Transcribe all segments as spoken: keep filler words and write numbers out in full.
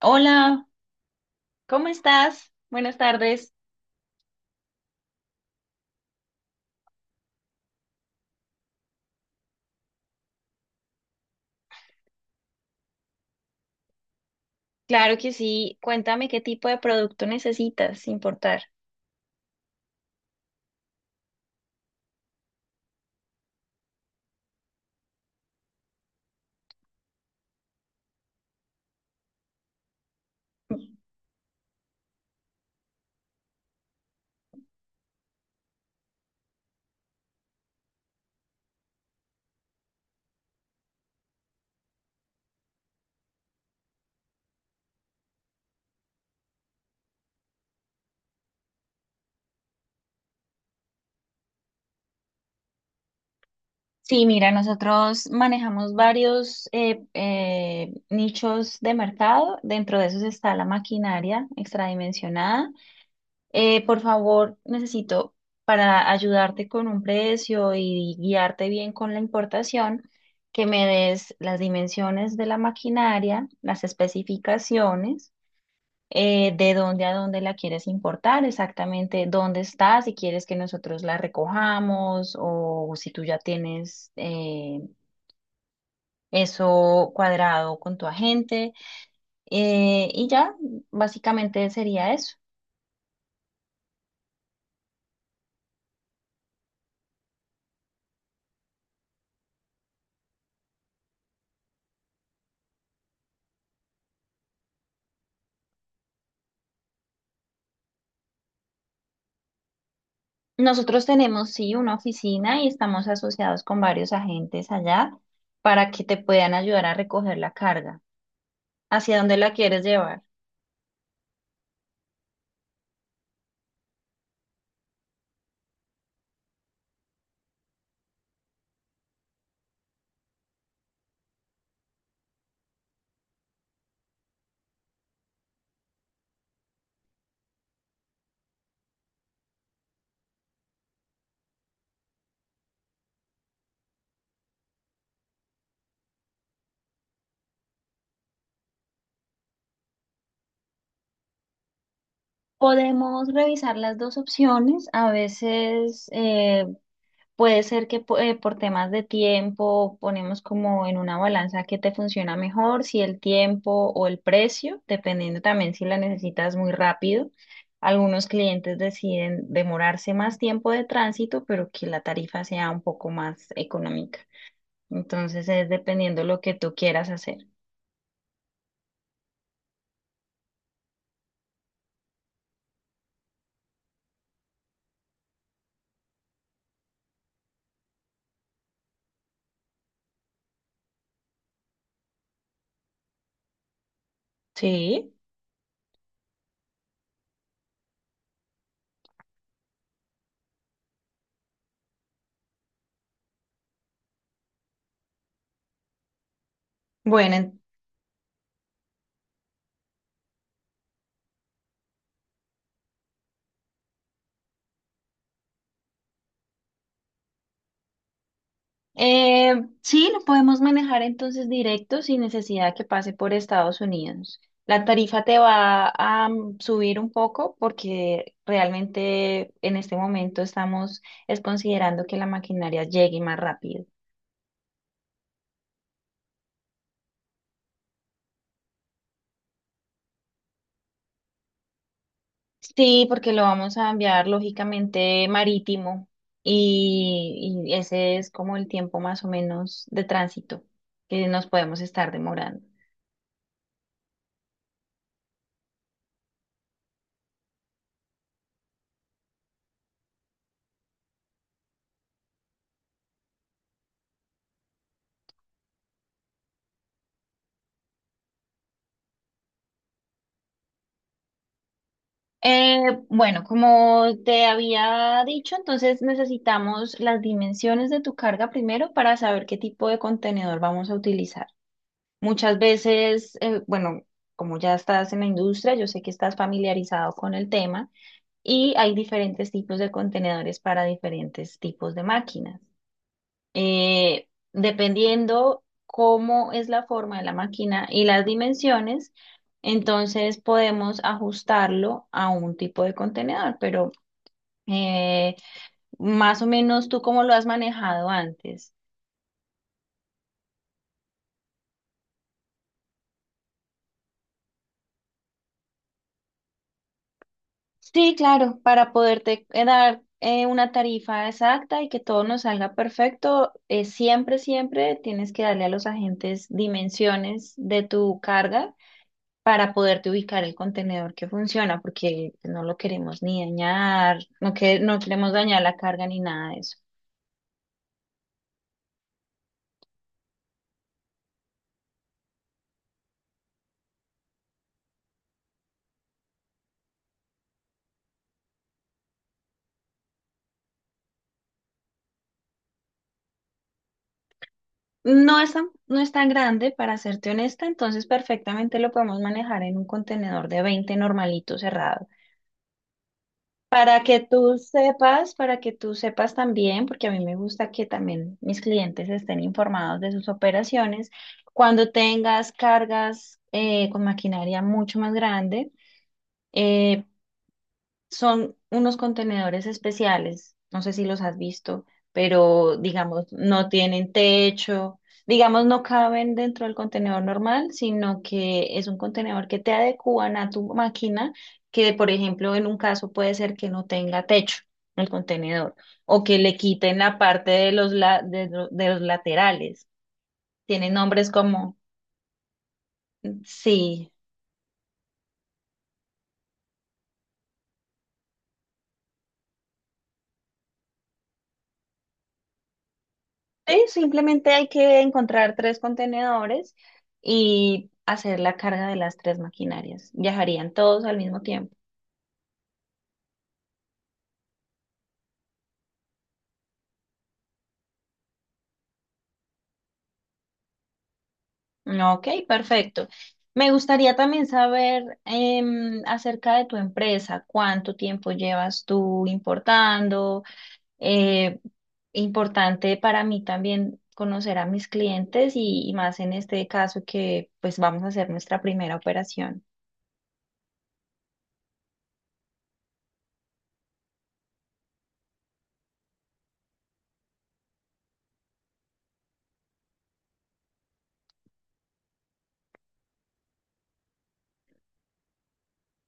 Hola, ¿cómo estás? Buenas tardes. Claro que sí. Cuéntame qué tipo de producto necesitas, sin importar. Sí, mira, nosotros manejamos varios eh, eh, nichos de mercado. Dentro de esos está la maquinaria extradimensionada. Eh, por favor, necesito para ayudarte con un precio y guiarte bien con la importación, que me des las dimensiones de la maquinaria, las especificaciones. Eh, de dónde a dónde la quieres importar, exactamente dónde está, si quieres que nosotros la recojamos o si tú ya tienes eh, eso cuadrado con tu agente. eh, y ya, básicamente sería eso. Nosotros tenemos, sí, una oficina y estamos asociados con varios agentes allá para que te puedan ayudar a recoger la carga. ¿Hacia dónde la quieres llevar? Podemos revisar las dos opciones. A veces eh, puede ser que po- eh, por temas de tiempo ponemos como en una balanza qué te funciona mejor, si el tiempo o el precio, dependiendo también si la necesitas muy rápido. Algunos clientes deciden demorarse más tiempo de tránsito, pero que la tarifa sea un poco más económica. Entonces es dependiendo lo que tú quieras hacer. Sí. Bueno, Eh, sí, lo podemos manejar entonces directo sin necesidad que pase por Estados Unidos. La tarifa te va a mm, subir un poco porque realmente en este momento estamos es considerando que la maquinaria llegue más rápido. Sí, porque lo vamos a enviar lógicamente marítimo y, y ese es como el tiempo más o menos de tránsito que nos podemos estar demorando. Eh, bueno, como te había dicho, entonces necesitamos las dimensiones de tu carga primero para saber qué tipo de contenedor vamos a utilizar. Muchas veces, eh, bueno, como ya estás en la industria, yo sé que estás familiarizado con el tema y hay diferentes tipos de contenedores para diferentes tipos de máquinas, eh, dependiendo cómo es la forma de la máquina y las dimensiones, entonces podemos ajustarlo a un tipo de contenedor, pero eh, más o menos tú cómo lo has manejado antes. Sí, claro, para poderte eh, dar eh, una tarifa exacta y que todo nos salga perfecto, eh, siempre, siempre tienes que darle a los agentes dimensiones de tu carga para poderte ubicar el contenedor que funciona, porque no lo queremos ni dañar, no, que, no queremos dañar la carga ni nada de eso. No es tan, no es tan grande, para serte honesta, entonces perfectamente lo podemos manejar en un contenedor de veinte normalito cerrado. Para que tú sepas, para que tú sepas también, porque a mí me gusta que también mis clientes estén informados de sus operaciones, cuando tengas cargas eh, con maquinaria mucho más grande, eh, son unos contenedores especiales, no sé si los has visto, pero digamos, no tienen techo, digamos, no caben dentro del contenedor normal, sino que es un contenedor que te adecúan a tu máquina, que por ejemplo en un caso puede ser que no tenga techo el contenedor o que le quiten la parte de los, la- de lo- de los laterales. Tienen nombres como, sí. Sí, simplemente hay que encontrar tres contenedores y hacer la carga de las tres maquinarias. Viajarían todos al mismo tiempo. Ok, perfecto. Me gustaría también saber em, acerca de tu empresa, cuánto tiempo llevas tú importando. Eh, Importante para mí también conocer a mis clientes y, y más en este caso que pues vamos a hacer nuestra primera operación.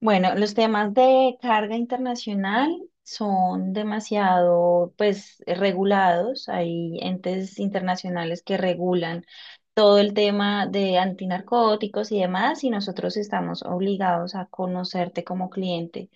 Bueno, los temas de carga internacional son demasiado, pues, regulados. Hay entes internacionales que regulan todo el tema de antinarcóticos y demás, y nosotros estamos obligados a conocerte como cliente.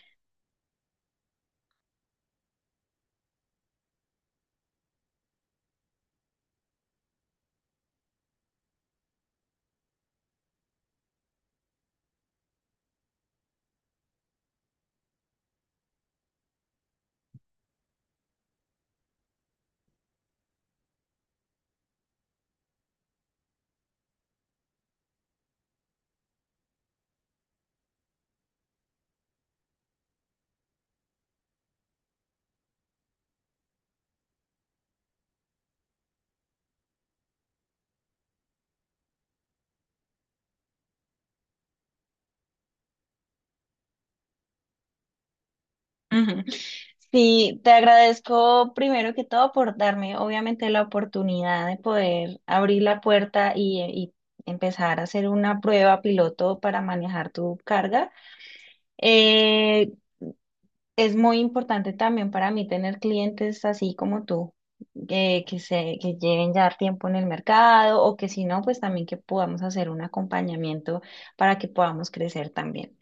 Ujú. Sí, te agradezco primero que todo por darme, obviamente, la oportunidad de poder abrir la puerta y, y empezar a hacer una prueba piloto para manejar tu carga. Eh, Es muy importante también para mí tener clientes así como tú, que, que se, que lleven ya tiempo en el mercado o que si no, pues también que podamos hacer un acompañamiento para que podamos crecer también.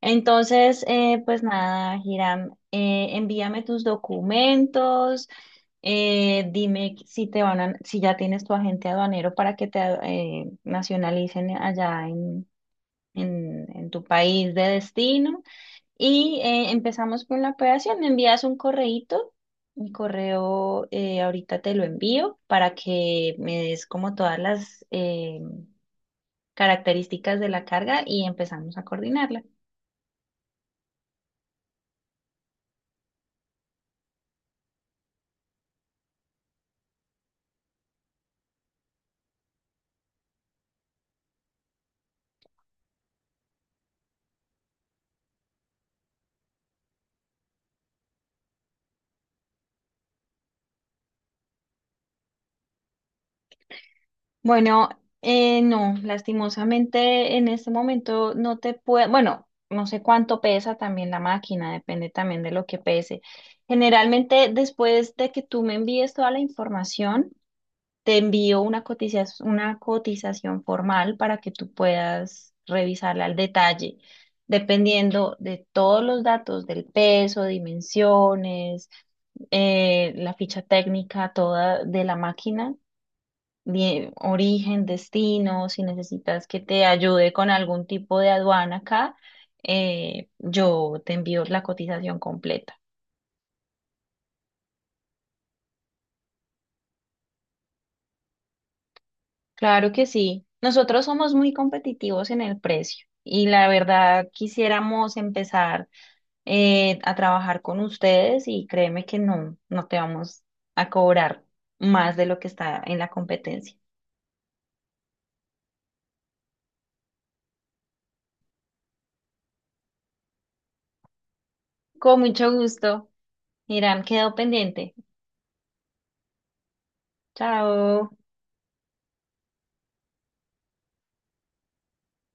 Entonces, eh, pues nada, Hiram, eh, envíame tus documentos, eh, dime si te van a- si ya tienes tu agente aduanero para que te eh, nacionalicen allá en, en en tu país de destino. Y eh, empezamos con la operación. Me envías un correíto, mi correo, eh, ahorita te lo envío para que me des como todas las eh, características de la carga y empezamos a coordinarla. Bueno, eh, no, lastimosamente en este momento no te puedo, bueno, no sé cuánto pesa también la máquina, depende también de lo que pese. Generalmente después de que tú me envíes toda la información, te envío una cotización, una cotización formal para que tú puedas revisarla al detalle, dependiendo de todos los datos del peso, dimensiones, eh, la ficha técnica toda de la máquina, die- origen, destino, si necesitas que te ayude con algún tipo de aduana acá, eh, yo te envío la cotización completa. Claro que sí. Nosotros somos muy competitivos en el precio y la verdad quisiéramos empezar eh, a trabajar con ustedes y créeme que no, no te vamos a cobrar más de lo que está en la competencia. Con mucho gusto. Irán, quedó pendiente. Chao.